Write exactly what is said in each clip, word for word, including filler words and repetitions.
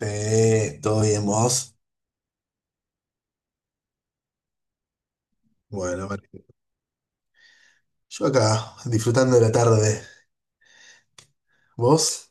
Eh, ¿todo bien, vos? Bueno, vale. Yo acá, disfrutando de la tarde. ¿Vos?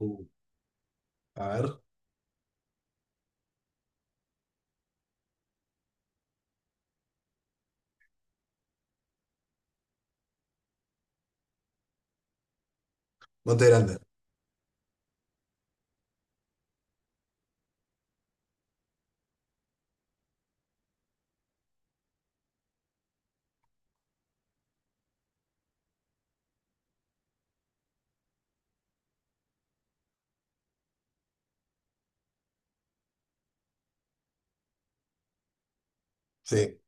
Uh, A ver. Monte Grande. Sí,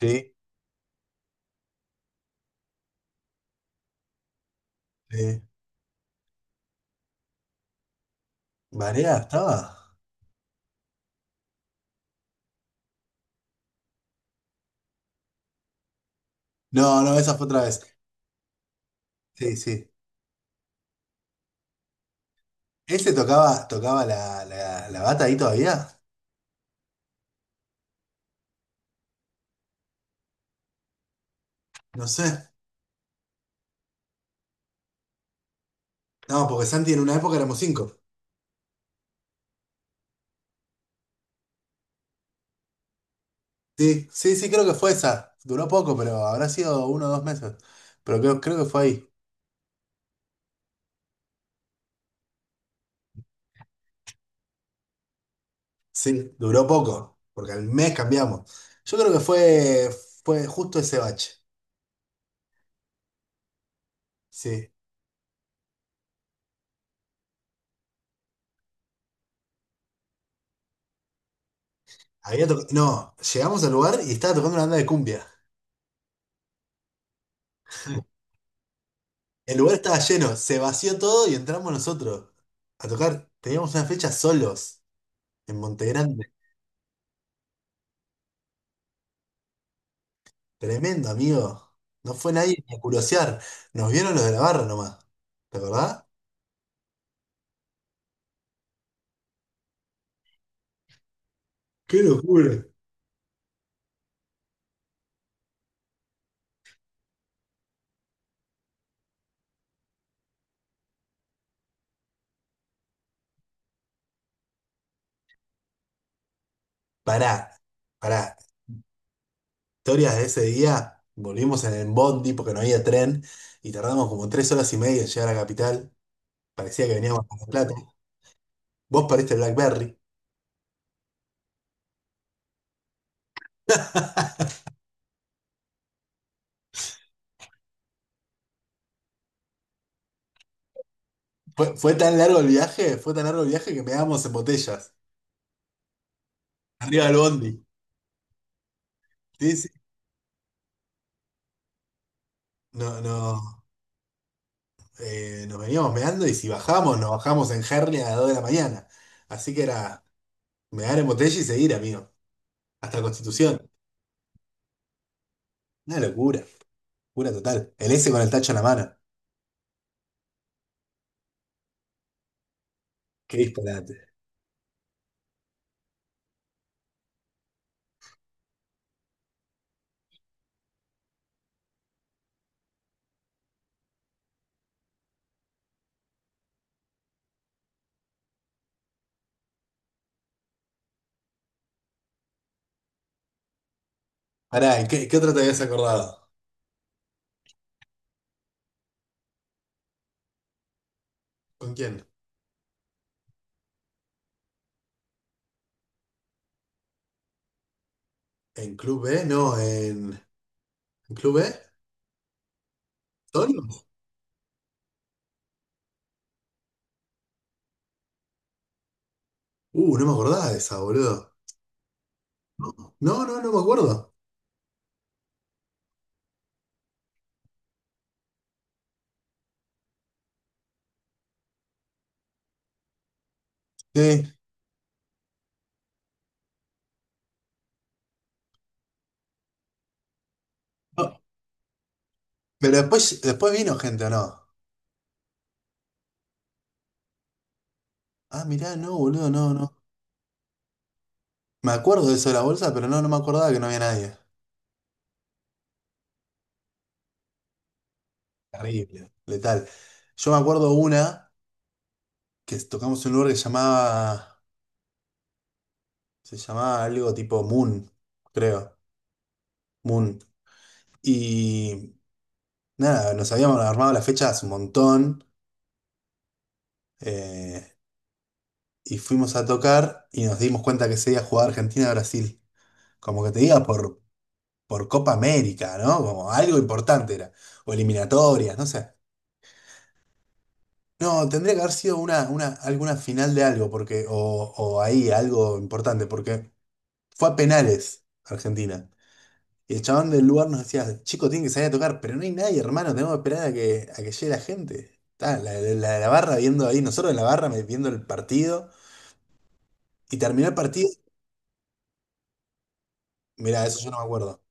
sí. Sí. ¿Marea estaba? No, no, esa fue otra vez. Sí, sí. ¿Ese tocaba, tocaba la, la, la bata ahí todavía? No sé. No, porque Santi en una época éramos cinco. Sí, sí, sí, creo que fue esa. Duró poco, pero habrá sido uno o dos meses. Pero creo, creo que fue ahí. Sí, duró poco, porque al mes cambiamos. Yo creo que fue, fue justo ese bache. Sí. Había to- No, llegamos al lugar y estaba tocando una banda de cumbia. El lugar estaba lleno, se vació todo y entramos nosotros a tocar. Teníamos una fecha solos en Montegrande. Tremendo, amigo. No fue nadie ni a curiosear. Nos vieron los de la barra nomás. ¿Te acordás? ¡Qué locura! Pará, pará. Historias de ese día, volvimos en el bondi porque no había tren y tardamos como tres horas y media en llegar a Capital. Parecía que veníamos a La Plata. Vos pariste BlackBerry. Fue, fue tan largo el viaje, fue tan largo el viaje que meábamos en botellas, arriba del bondi. Sí, sí. No, no, eh, nos veníamos meando y si bajamos, nos bajamos en Herli a las dos de la mañana. Así que era mear en botella y seguir, amigo. Hasta Constitución. Una locura, locura total. El S con el tacho en la mano. Qué disparate. Pará, ¿qué, qué otra te habías acordado? ¿Con quién? En Club B, no, en, ¿en Club B? ¿Torio? Uh, no me acordaba de esa, boludo. No, no, no, no me acuerdo. Sí. No, pero después, después vino gente, ¿o no? Ah, mirá, no, boludo, no, no. Me acuerdo de eso de la bolsa, pero no, no me acordaba que no había nadie. Terrible, letal. Yo me acuerdo una que tocamos en un lugar que llamaba, se llamaba algo tipo Moon, creo. Moon. Y nada, nos habíamos armado las fechas un montón. eh, y fuimos a tocar y nos dimos cuenta que se iba a jugar Argentina-Brasil. Como que te diga por, por Copa América, ¿no? Como algo importante era. O eliminatorias, no sé. No, tendría que haber sido una, una, alguna final de algo, porque, o, o ahí algo importante, porque fue a penales Argentina. Y el chabón del lugar nos decía, chico, tienen que salir a tocar, pero no hay nadie, hermano, tenemos que esperar a que, a que llegue la gente. Está, la, la, la barra viendo ahí, nosotros en la barra me- viendo el partido, y terminó el partido, mirá, eso yo no me acuerdo.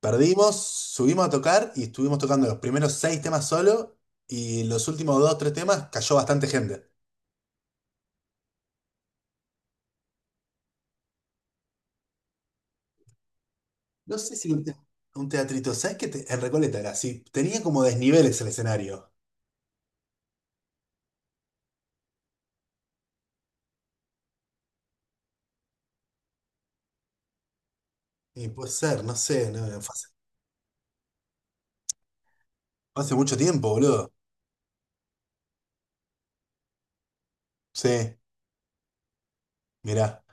Perdimos, subimos a tocar y estuvimos tocando los primeros seis temas solo y los últimos dos, tres temas cayó bastante gente. No sé si un, te- un teatrito, ¿sabes qué? Te- en Recoleta era así, tenía como desniveles el escenario. Y puede ser, no sé, no, no, fue hace, fue hace mucho tiempo, boludo. Sí, mirá.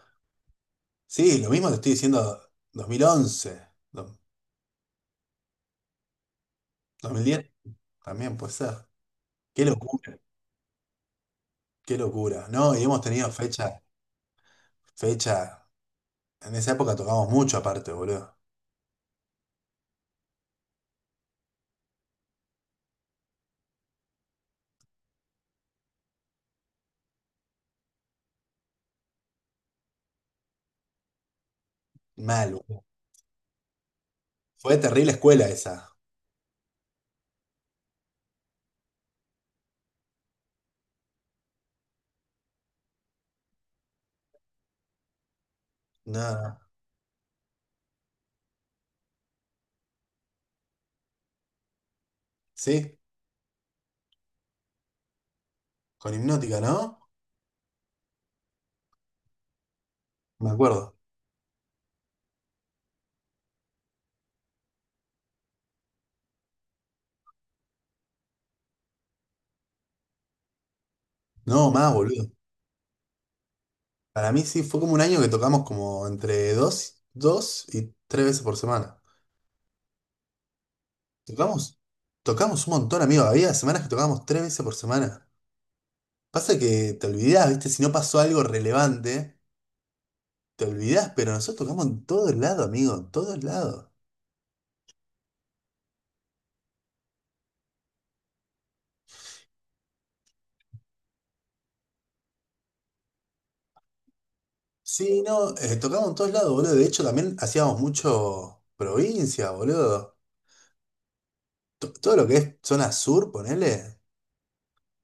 Sí, lo mismo te estoy diciendo dos mil once, do- dos mil diez también puede ser. Qué locura, qué locura. No, y hemos tenido fecha, fecha, en esa época tocamos mucho aparte, boludo. Mal, boludo. Fue terrible escuela esa. Nada. Sí, con Hipnótica, ¿no? Me acuerdo. No, más, boludo. Para mí sí, fue como un año que tocamos como entre dos, dos y tres veces por semana. Tocamos, tocamos un montón, amigo. Había semanas que tocábamos tres veces por semana. Pasa que te olvidás, ¿viste? Si no pasó algo relevante, te olvidás, pero nosotros tocamos en todos lados, amigo, en todos lados. Sí, no, eh, tocamos en todos lados, boludo. De hecho, también hacíamos mucho provincia, boludo. To- todo lo que es zona sur, ponele.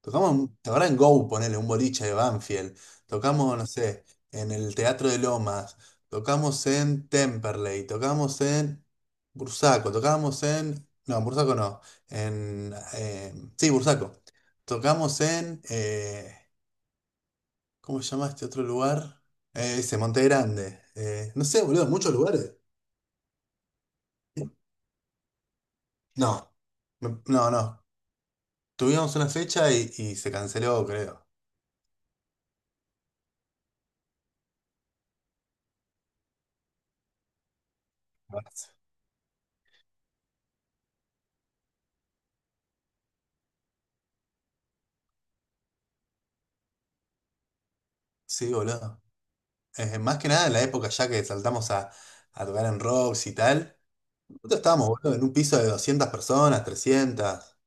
Tocamos, un- ¿te acordás en Go, ponele, un boliche de Banfield? Tocamos, no sé, en el Teatro de Lomas. Tocamos en Temperley. Tocamos en Bursaco. Tocamos en. No, en Bursaco no. En. Eh, sí, Bursaco. Tocamos en. Eh, ¿cómo se llama este otro lugar? Eh, ese, Monte Grande. Eh, no sé, boludo, muchos lugares. No, me- no, no. Tuvimos una fecha y, y se canceló, creo. Sí, boludo. Eh, más que nada en la época ya que saltamos a, a tocar en rocks y tal. Nosotros estábamos, boludo, en un piso de doscientas personas, trescientas.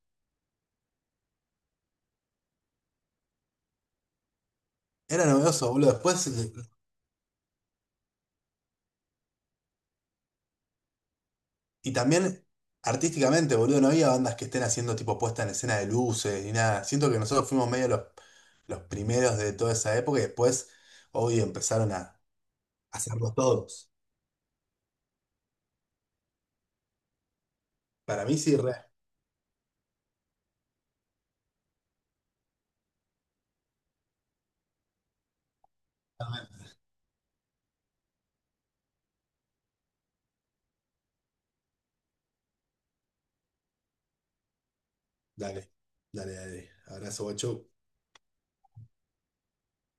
Era novedoso, boludo. Después, eh, y también artísticamente, boludo, no había bandas que estén haciendo tipo puesta en escena de luces ni nada. Siento que nosotros fuimos medio los, los primeros de toda esa época y después, hoy empezaron a hacerlo todos. Para mí sí, re. Dale, dale, dale. Abrazo, guacho.